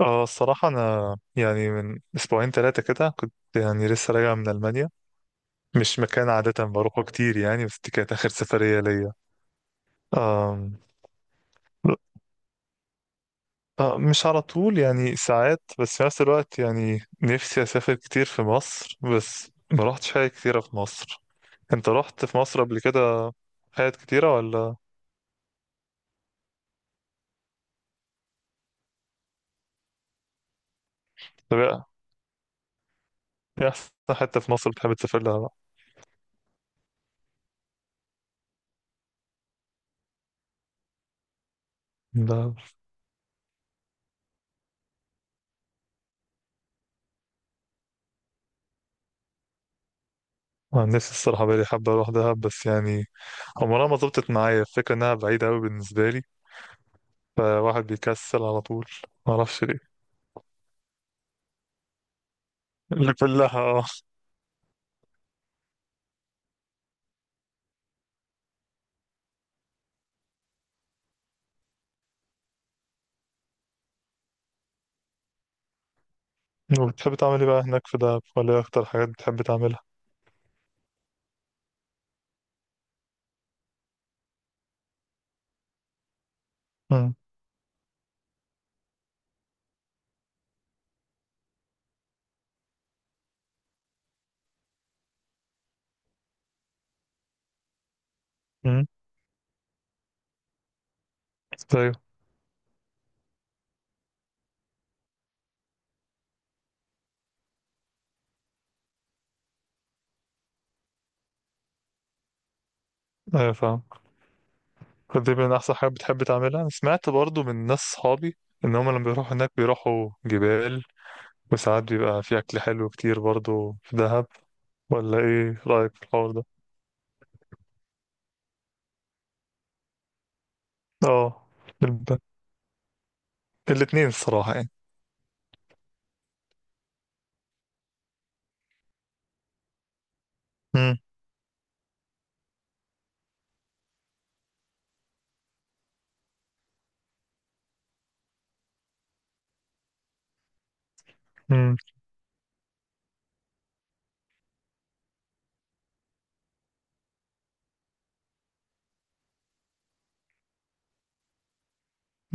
اه الصراحة أنا يعني من أسبوعين ثلاثة كده، كنت يعني لسه راجع من ألمانيا. مش مكان عادة بروحه كتير يعني، بس دي كانت آخر سفرية ليا. آم، آه، مش على طول يعني ساعات، بس في نفس الوقت يعني نفسي أسافر كتير في مصر، بس ما روحتش حاجة كتيرة في مصر. أنت رحت في مصر قبل كده؟ حاجات كتيرة ولا؟ طب إيه أحسن حتة في مصر بتحب تسافر لها؟ بقى؟ نفسي الصراحة بقالي حابة أروح دهب، بس يعني عمرها ما ظبطت معايا. الفكرة إنها بعيدة أوي بالنسبة لي، فواحد بيكسل على طول، معرفش ليه. اللي كلها، اه. وبتحب تعمل إيه بقى هناك في دهب، ولا إيه أكتر حاجات بتحب تعملها؟ مم. مم. أيوه. أيوه فاهم. فدي من أحسن حاجات بتحب تعملها. أنا سمعت برضو من ناس صحابي، إن هما لما بيروحوا هناك بيروحوا جبال، وساعات بيبقى في أكل حلو كتير برضو في دهب، ولا إيه رأيك في الحوار ده؟ اه، الب- الاتنين الصراحة يعني. مم. مم.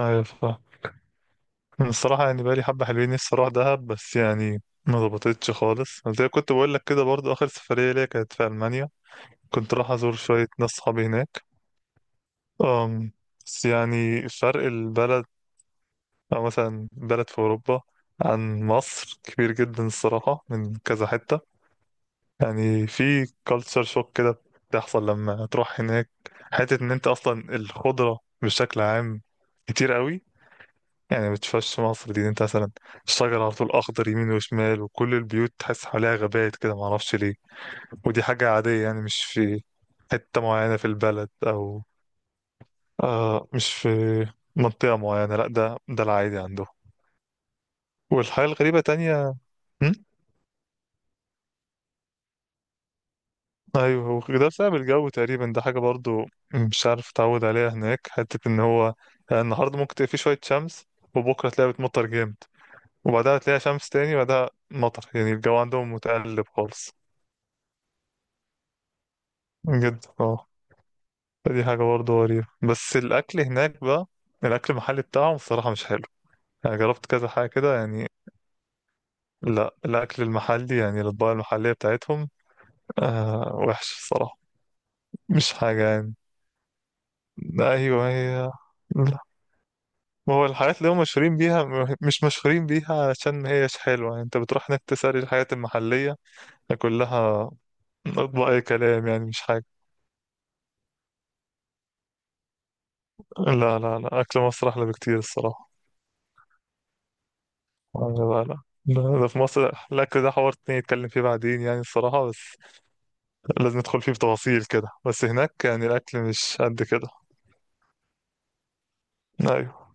ايوه فاهم. أنا الصراحة يعني بقالي حبة حلوين نفسي أروح دهب، بس يعني ما ظبطتش خالص، زي كنت بقول لك كده. برضو آخر سفرية ليا كانت في ألمانيا. كنت راح أزور شوية ناس صحابي هناك. أم بس يعني فرق البلد، أو مثلا بلد في أوروبا، عن مصر كبير جدا الصراحة من كذا حتة. يعني في كالتشر شوك كده بتحصل لما تروح هناك. حتة إن أنت أصلا الخضرة بشكل عام كتير قوي، يعني ما تشوفش مصر دي، انت مثلا الشجر على طول اخضر يمين وشمال، وكل البيوت تحس حواليها غابات كده، ما اعرفش ليه. ودي حاجة عادية، يعني مش في حتة معينة في البلد او، آه مش في منطقة معينة، لا ده العادي عنده. والحاجة الغريبة تانية. هم؟ ايوه، هو ده بسبب الجو تقريبا، ده حاجة برضو مش عارف اتعود عليها هناك، حتة ان هو يعني النهاردة ممكن تلاقي فيه شوية شمس، وبكرة تلاقيها بتمطر جامد، وبعدها تلاقيها شمس تاني وبعدها مطر، يعني الجو عندهم متقلب خالص. جدا اه. فدي حاجة برضه غريبة، بس الأكل هناك بقى، الأكل المحلي بتاعهم الصراحة مش حلو، يعني جربت كذا حاجة كده يعني. لا الأكل المحلي، يعني الأطباق المحلية بتاعتهم آه وحشة الصراحة. مش حاجة يعني. لا، أيوه هي. لا. ما هو الحاجات اللي هم مشهورين بيها، مش مشهورين بيها عشان ما هيش حلوة، يعني أنت بتروح هناك تسأل الحاجات المحلية كلها، أطباق أي كلام، يعني مش حاجة. لا لا لا، أكل مصر أحلى بكتير الصراحة. لا. لا. ده في مصر، لا كده حوار تاني نتكلم فيه بعدين يعني الصراحة، بس لازم ندخل فيه بتفاصيل كده. بس هناك يعني الأكل مش قد كده. أيوة.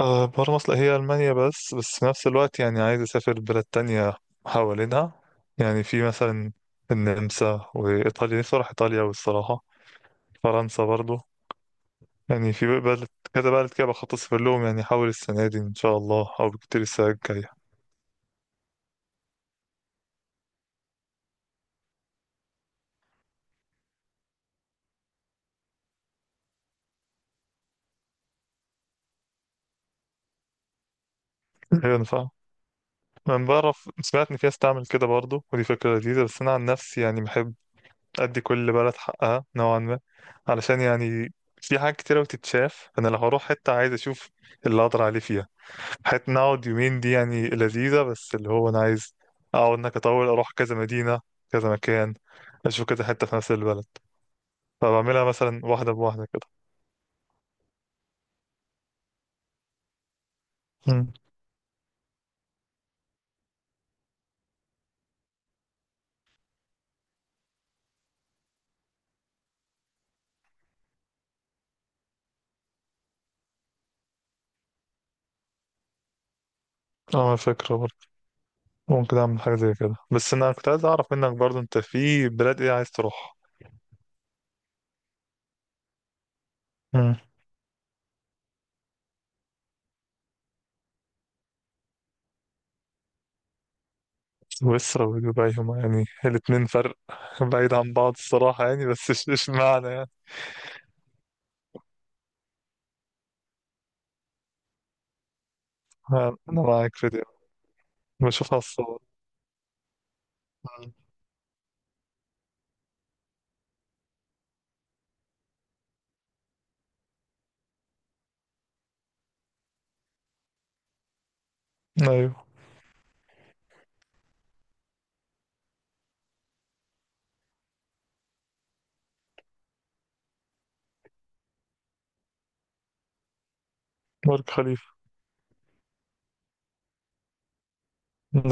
آه، بره مصر هي ألمانيا بس، بس في نفس الوقت يعني عايز أسافر بلاد تانية حوالينها. يعني في مثلا النمسا وإيطاليا، نفسي أروح إيطاليا، والصراحة فرنسا برضو. يعني في بلد، كذا بلد كده بخطط أسافر لهم، يعني أحاول السنة دي إن شاء الله أو بكتير السنة الجاية. ينفع. انا بعرف، سمعت ان في ناس تعمل كده برضه، ودي فكره لذيذه، بس انا عن نفسي يعني بحب ادي كل بلد حقها نوعا ما، علشان يعني في حاجات كتيره بتتشاف. انا لو هروح حته عايز اشوف اللي اقدر عليه فيها. حته نقعد يومين دي يعني لذيذه، بس اللي هو انا عايز اقعد انك اطول، اروح كذا مدينه، كذا مكان، اشوف كذا حته في نفس البلد، فبعملها مثلا واحده بواحده كده. امم. اه، فكره برضه، ممكن اعمل حاجه زي كده. بس انا كنت عايز اعرف منك برضه، انت في بلاد ايه عايز تروح؟ سويسرا ودبي، هما يعني الاتنين فرق بعيد عن بعض الصراحة يعني، بس اشمعنى يعني. أنا معاك في دي. بشوفها على الصور. مم. أيوه. برج خليفة.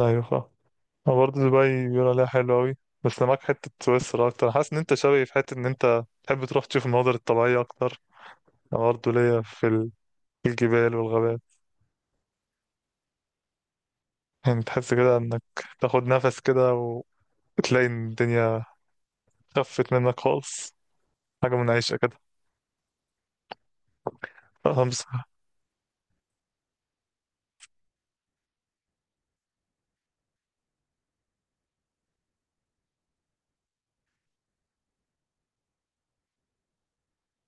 أيوه فاهم. أنا برضه دبي بيقول عليها حلوة أوي. بس أنا معاك حتة سويسرا أكتر. أنا حاسس إن أنت شبهي في حتة إن أنت تحب تروح تشوف المناظر الطبيعية أكتر. أنا برضه ليا في في الجبال والغابات. يعني تحس كده إنك تاخد نفس كده، وتلاقي إن الدنيا خفت منك خالص. حاجة منعشة كده. خمسة.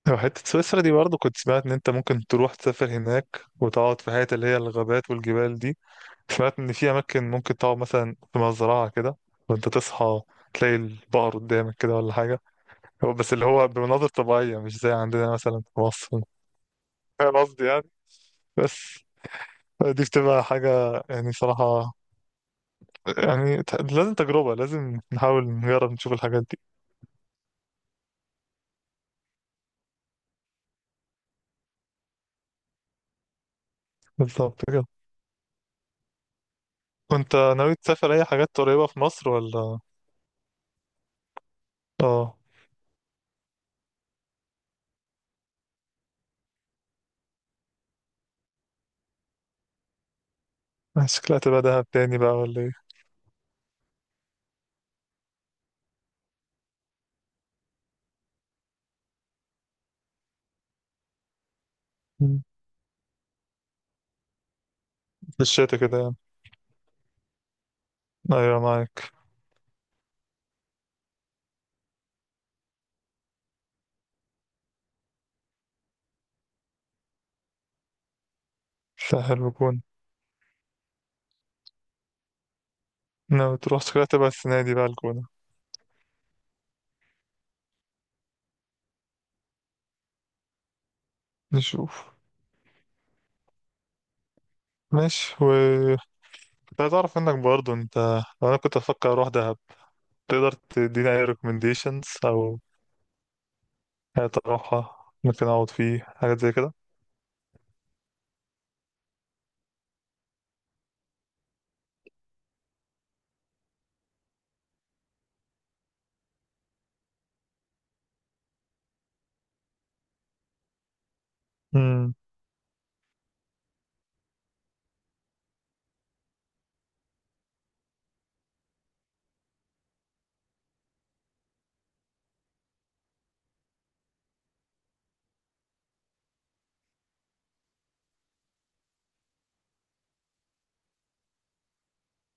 لو حتة سويسرا دي برضه، كنت سمعت إن أنت ممكن تروح تسافر هناك، وتقعد في حتة اللي هي الغابات والجبال دي. سمعت إن في أماكن ممكن تقعد مثلا في مزرعة كده، وأنت تصحى تلاقي البقر قدامك كده ولا حاجة. هو بس اللي هو بمناظر طبيعية مش زي عندنا مثلا في مصر. فاهم قصدي يعني. بس دي بتبقى حاجة، يعني صراحة يعني لازم تجربة، لازم نحاول نجرب نشوف الحاجات دي. بالظبط كده. وأنت ناوي تسافر أي حاجات قريبة في مصر ولا؟ آه. شكلها تبقى دهب تاني بقى ولا إيه؟ مم. في الشتا كده يعني. أيوة معاك. لا، حلو الجونة. ناوي تروح، شكلها تبقى السنة دي بقى الجونة. نشوف. ماشي، و كنت عايز أعرف منك برضه أنت، لو أنا كنت أفكر أروح دهب، تقدر تديني أي recommendations أو حاجة أروحها، ممكن أقعد فيه حاجات زي كده. امم.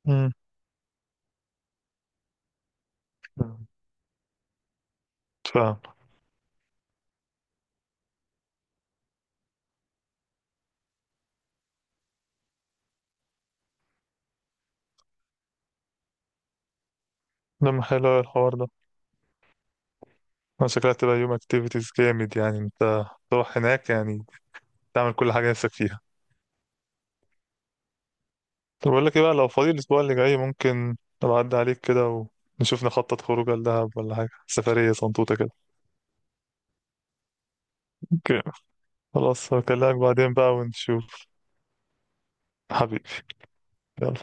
امم. فاهم. لما حلو أوي الحوار ده. أنا شكلها تبقى يوم activities جامد يعني، أنت تروح هناك يعني تعمل كل حاجة نفسك فيها. طب أقول لك إيه بقى، لو فاضي الأسبوع اللي جاي ممكن أبقى أعدي عليك كده، ونشوف نخطط خروجة لدهب، ولا حاجة سفرية صنطوطة كده. أوكي. خلاص، هكلمك بعدين بقى ونشوف. حبيبي. يلا.